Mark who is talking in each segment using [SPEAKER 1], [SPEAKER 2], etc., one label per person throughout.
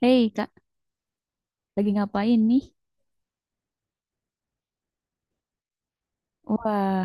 [SPEAKER 1] Hey Kak, lagi ngapain nih? Wah,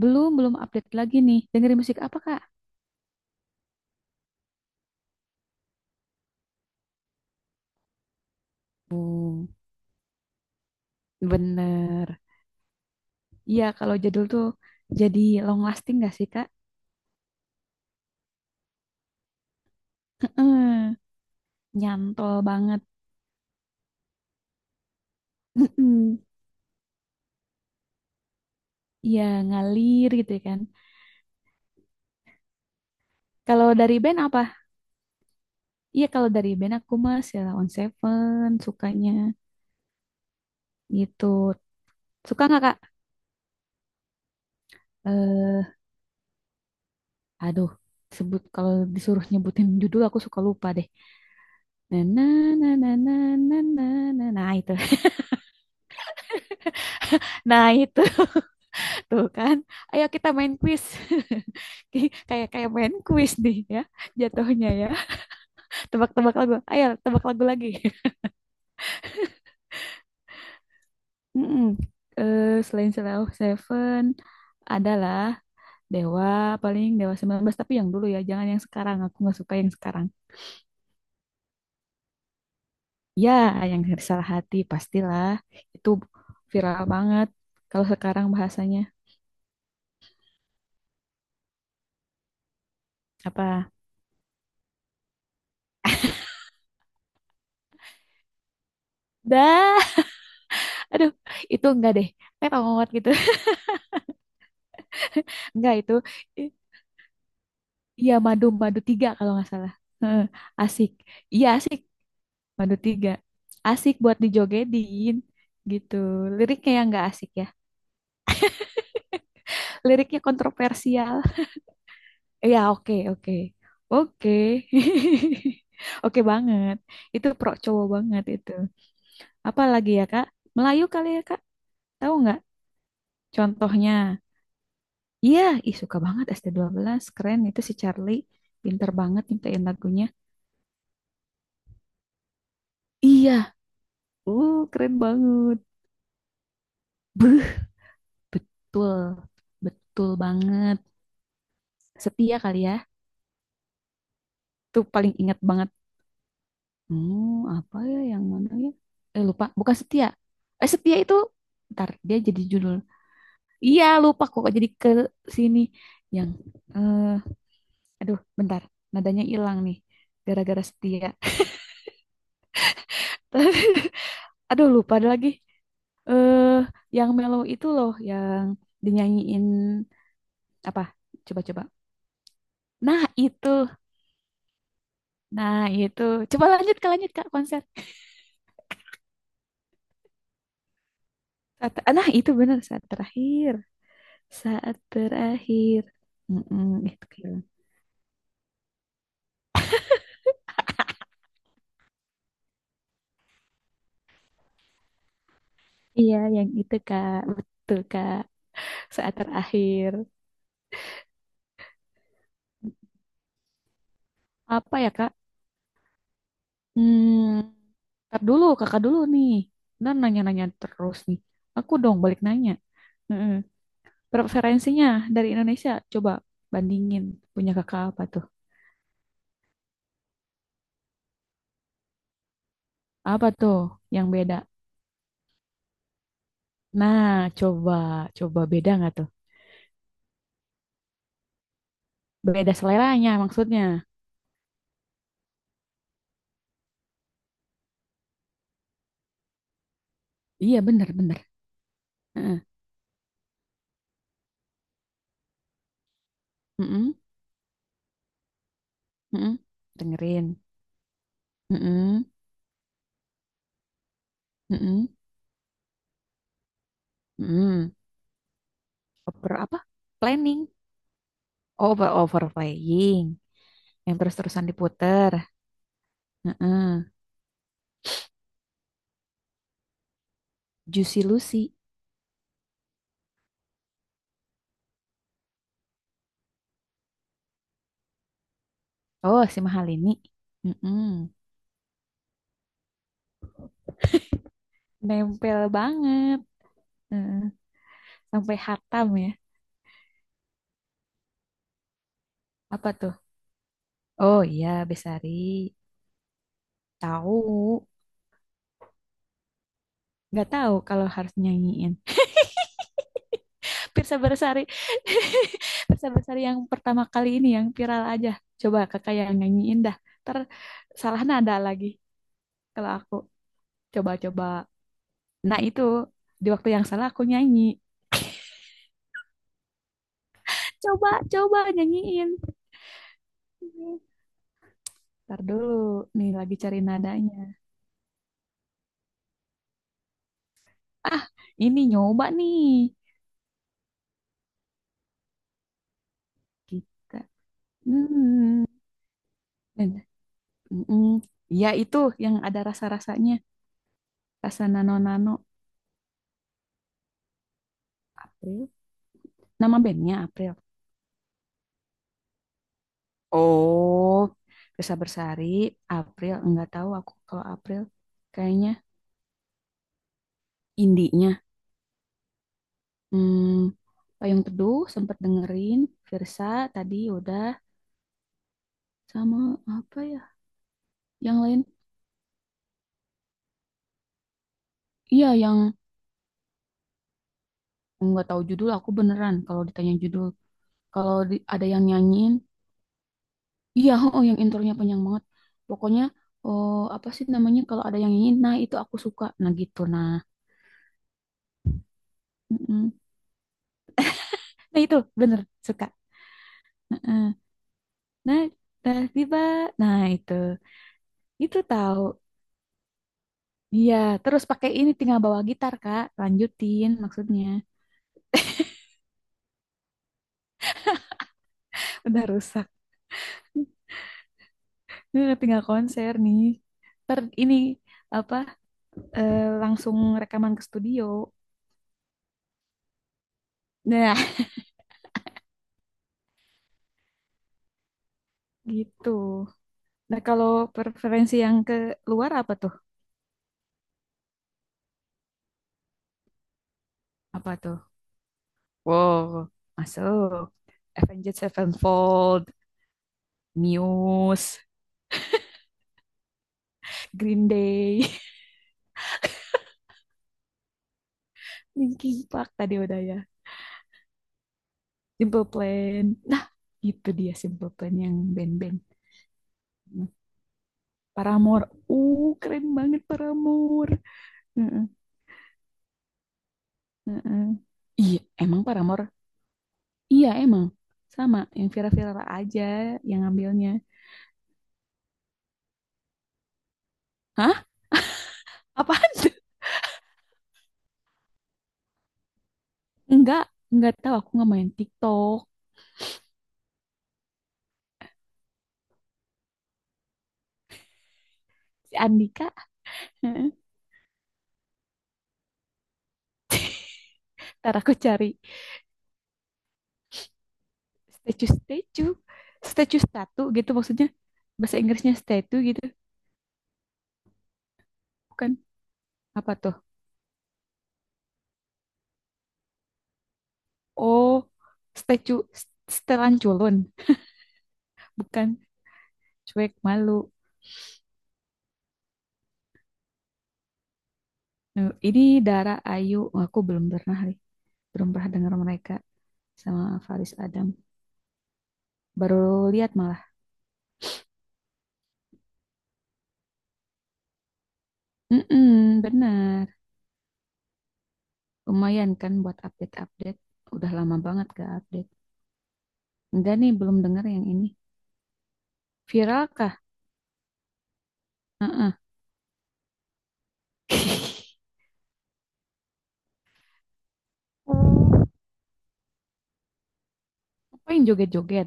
[SPEAKER 1] belum belum update lagi nih. Dengerin musik apa Kak? Hmm, bener. Iya, kalau jadul tuh jadi long lasting gak sih Kak? Heeh, nyantol banget. Mm-mm. Iya, ngalir gitu ya kan. Kalau dari band apa? Iya, kalau dari band aku mah Sheila on 7 sukanya gitu. Suka nggak Kak? Eh, aduh, sebut kalau disuruh nyebutin judul aku suka lupa deh. Na na na na na na na na. Nah, itu. Nah, itu tuh kan. Ayo kita main quiz. Ki- Kayak kayak main quiz nih ya jatuhnya ya. Tebak-tebak lagu. Ayo tebak lagu lagi. Mm-mm. Eh, selain Slow Seven adalah Dewa paling Dewa 19 tapi yang dulu ya, jangan yang sekarang. Aku nggak suka yang sekarang. Ya, yang salah hati pastilah. Itu viral banget kalau sekarang bahasanya apa? Dah. Aduh, itu enggak deh. Terong gitu. Enggak itu. I- Iya, madu madu tiga kalau nggak salah. Heeh, asik. Iya, asik. Madu tiga. Asik buat dijogedin gitu. Liriknya yang enggak asik ya. Liriknya kontroversial. Iya, oke, oke. Oke. Oke banget. Itu pro cowok banget itu. Apa lagi ya, Kak? Melayu kali ya, Kak? Tahu nggak contohnya? Iya, ih suka banget st belas keren itu si Charlie. Pinter banget nyiptain lagunya. Iya, keren banget. Beuh, betul, betul banget. Setia kali ya, tuh paling ingat banget. Hmm, apa ya yang mana ya? Eh lupa, bukan setia. Eh setia itu, ntar dia jadi judul. Iya lupa kok jadi ke sini yang, eh aduh bentar, nadanya hilang nih, gara-gara setia. Aduh lupa ada lagi. Eh, yang mellow itu loh, yang dinyanyiin apa? Coba-coba. Nah itu. Nah, itu. Coba lanjut Kak konser. Saat, nah, itu benar saat terakhir. Saat terakhir. Mm-mm, gitu. Kak. Iya, yang itu Kak. Betul Kak. Saat terakhir. Apa ya Kak? Hmm, ntar dulu, Kakak dulu nih. Dan nanya-nanya terus nih. Aku dong balik nanya. Mm-mm. Preferensinya dari Indonesia, coba bandingin punya Kakak apa tuh? Apa tuh yang beda? Nah, coba, coba beda nggak tuh? Beda seleranya maksudnya. Iya bener bener. Heeh. Mm-mm, mm-mm. Dengerin. Mm-mm, mm-mm, mm-mm. Over apa? Planning. Overplaying. Yang terus-terusan diputer. Heeh. Juicy Lucy. Oh si Mahalini. Mm-mm. Nempel banget. Heeh. Sampai hatam ya. Apa tuh? Oh iya Besari. Tahu. Nggak tahu kalau harus nyanyiin. Pirsa Bersari. Pirsa Bersari yang pertama kali ini yang viral aja. Coba kakak yang nyanyiin dah. Ntar salah nada lagi kalau aku. Coba-coba. Nah itu di waktu yang salah aku nyanyi. Coba, coba nyanyiin. Ntar dulu. Nih lagi cari nadanya. Ah, ini nyoba nih. Kita. Hmm. Dan- Mm-mm. Ya itu yang ada rasa-rasanya. Rasa nano-nano. April. Nama bandnya April. Oh, Desa Bersari, April, nggak tahu aku kalau April kayaknya indinya. Hmm, Payung Teduh sempat dengerin, Firsa tadi udah sama apa ya? Yang lain? Iya, yang nggak tahu judul aku beneran kalau ditanya judul. Kalau di- ada yang nyanyiin, iya, oh yang intronya panjang banget. Pokoknya oh apa sih namanya kalau ada yang nyanyiin, nah itu aku suka. Nah gitu nah. Mm-mm. Nah itu bener suka. Nah, nah, tiba. Nah, itu. Itu tahu. Iya, terus pakai ini tinggal bawa gitar, Kak. Lanjutin maksudnya. Udah rusak. Eh, tinggal konser nih. Ter ini apa langsung rekaman ke studio. Nah, gitu. Nah, kalau preferensi yang ke luar apa tuh? Apa tuh? Wow, masuk. Avenged Sevenfold, Muse, Green Day, Linkin Park tadi udah ya. Simple Plan. Nah, itu dia Simple Plan yang band-band. Paramore. Keren banget Paramore. Heeh, heeh. Iya, emang Paramore? Iya, emang. Sama, yang viral-viral aja yang ngambilnya. Hah? Apaan Enggak, enggak tahu. Aku nggak main TikTok. Si Andika. Heeh. Ntar aku cari statue-statue. Statue statue gitu maksudnya. Bahasa Inggrisnya statue gitu. Bukan. Apa tuh? Oh, statue. Setelan culun. Bukan cuek malu. Eh, ini Dara Ayu. Oh, aku belum pernah nih. Belum pernah dengar mereka sama Faris Adam. Baru lihat malah. Mm-mm, benar. Lumayan kan buat update-update. Udah lama banget gak update. Enggak nih, belum dengar yang ini. Viral kah? Hmm, apa yang joget-joget?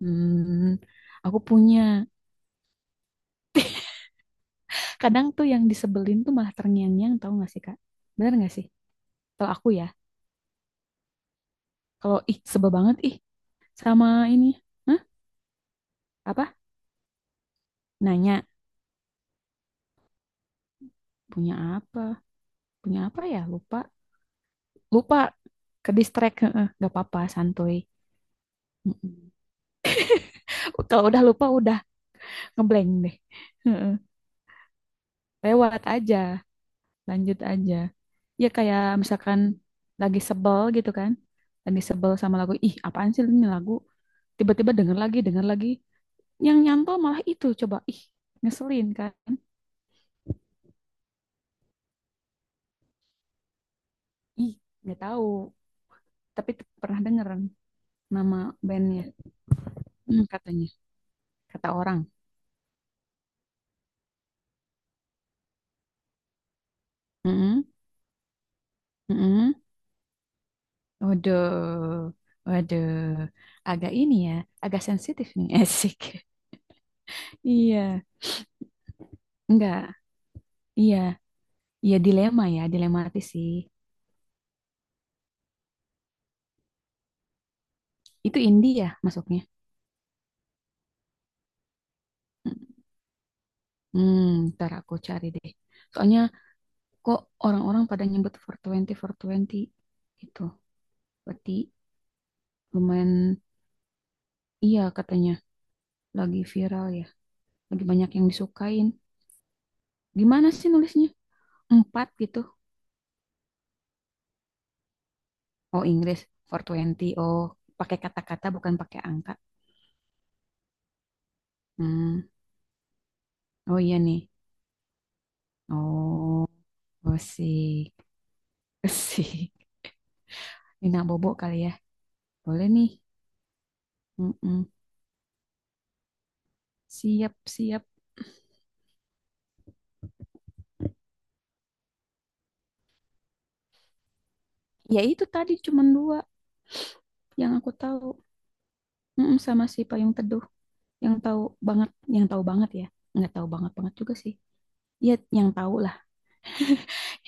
[SPEAKER 1] Hmm, aku punya. Kadang tuh yang disebelin tuh malah terngiang-ngiang tau gak sih, Kak? Bener gak sih? Kalau aku ya. Kalau ih sebel banget ih sama ini. Hah? Apa nanya punya apa, punya apa ya, lupa, lupa ke distract. Heeh, nggak apa-apa, santuy. mm Kalau udah lupa udah ngeblank deh. Heeh. Lewat aja, lanjut aja, ya kayak misalkan lagi sebel gitu kan, lagi sebel sama lagu, ih apaan sih ini lagu, tiba-tiba denger lagi yang nyantol malah itu, coba ih ngeselin kan. Ih, nggak tahu, tapi pernah denger nama bandnya. Mm, katanya kata orang. mm Mm-mm. Waduh, waduh, agak ini ya, agak sensitif nih, asik. Iya, enggak, iya, iya dilema ya, dilematis sih. Itu indie ya masuknya. Hmm, Ntar aku cari deh. Soalnya kok orang-orang pada nyebut 420 420 itu. Berarti lumayan, iya katanya, lagi viral ya, lagi banyak yang disukain. Gimana sih nulisnya? Empat gitu. Oh Inggris, 420. Oh, pakai kata-kata bukan pakai angka. Hmm, oh iya nih. Oh, gosip. Gosip. Nina Bobo kali ya. Boleh nih. Mm-mm. Siap, siap. Ya itu tadi cuman dua yang aku tahu. Mm-mm, sama si Payung Teduh. Yang tahu banget, yang tahu banget ya. Nggak tahu banget banget juga sih. Ya, yang tahu lah.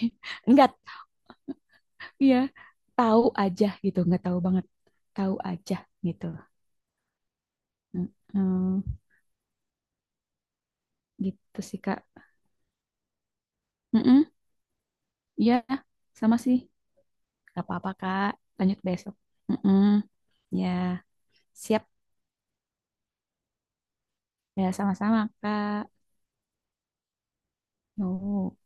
[SPEAKER 1] Enggak, iya. Tahu aja gitu, nggak tahu banget. Tahu aja gitu. Mm-mm. Gitu sih, Kak. Mm-mm. Iya, sama sih. Gak apa-apa, Kak. Lanjut besok. Mm-mm. Ya, siap. Ya, sama-sama, Kak. Nuhun.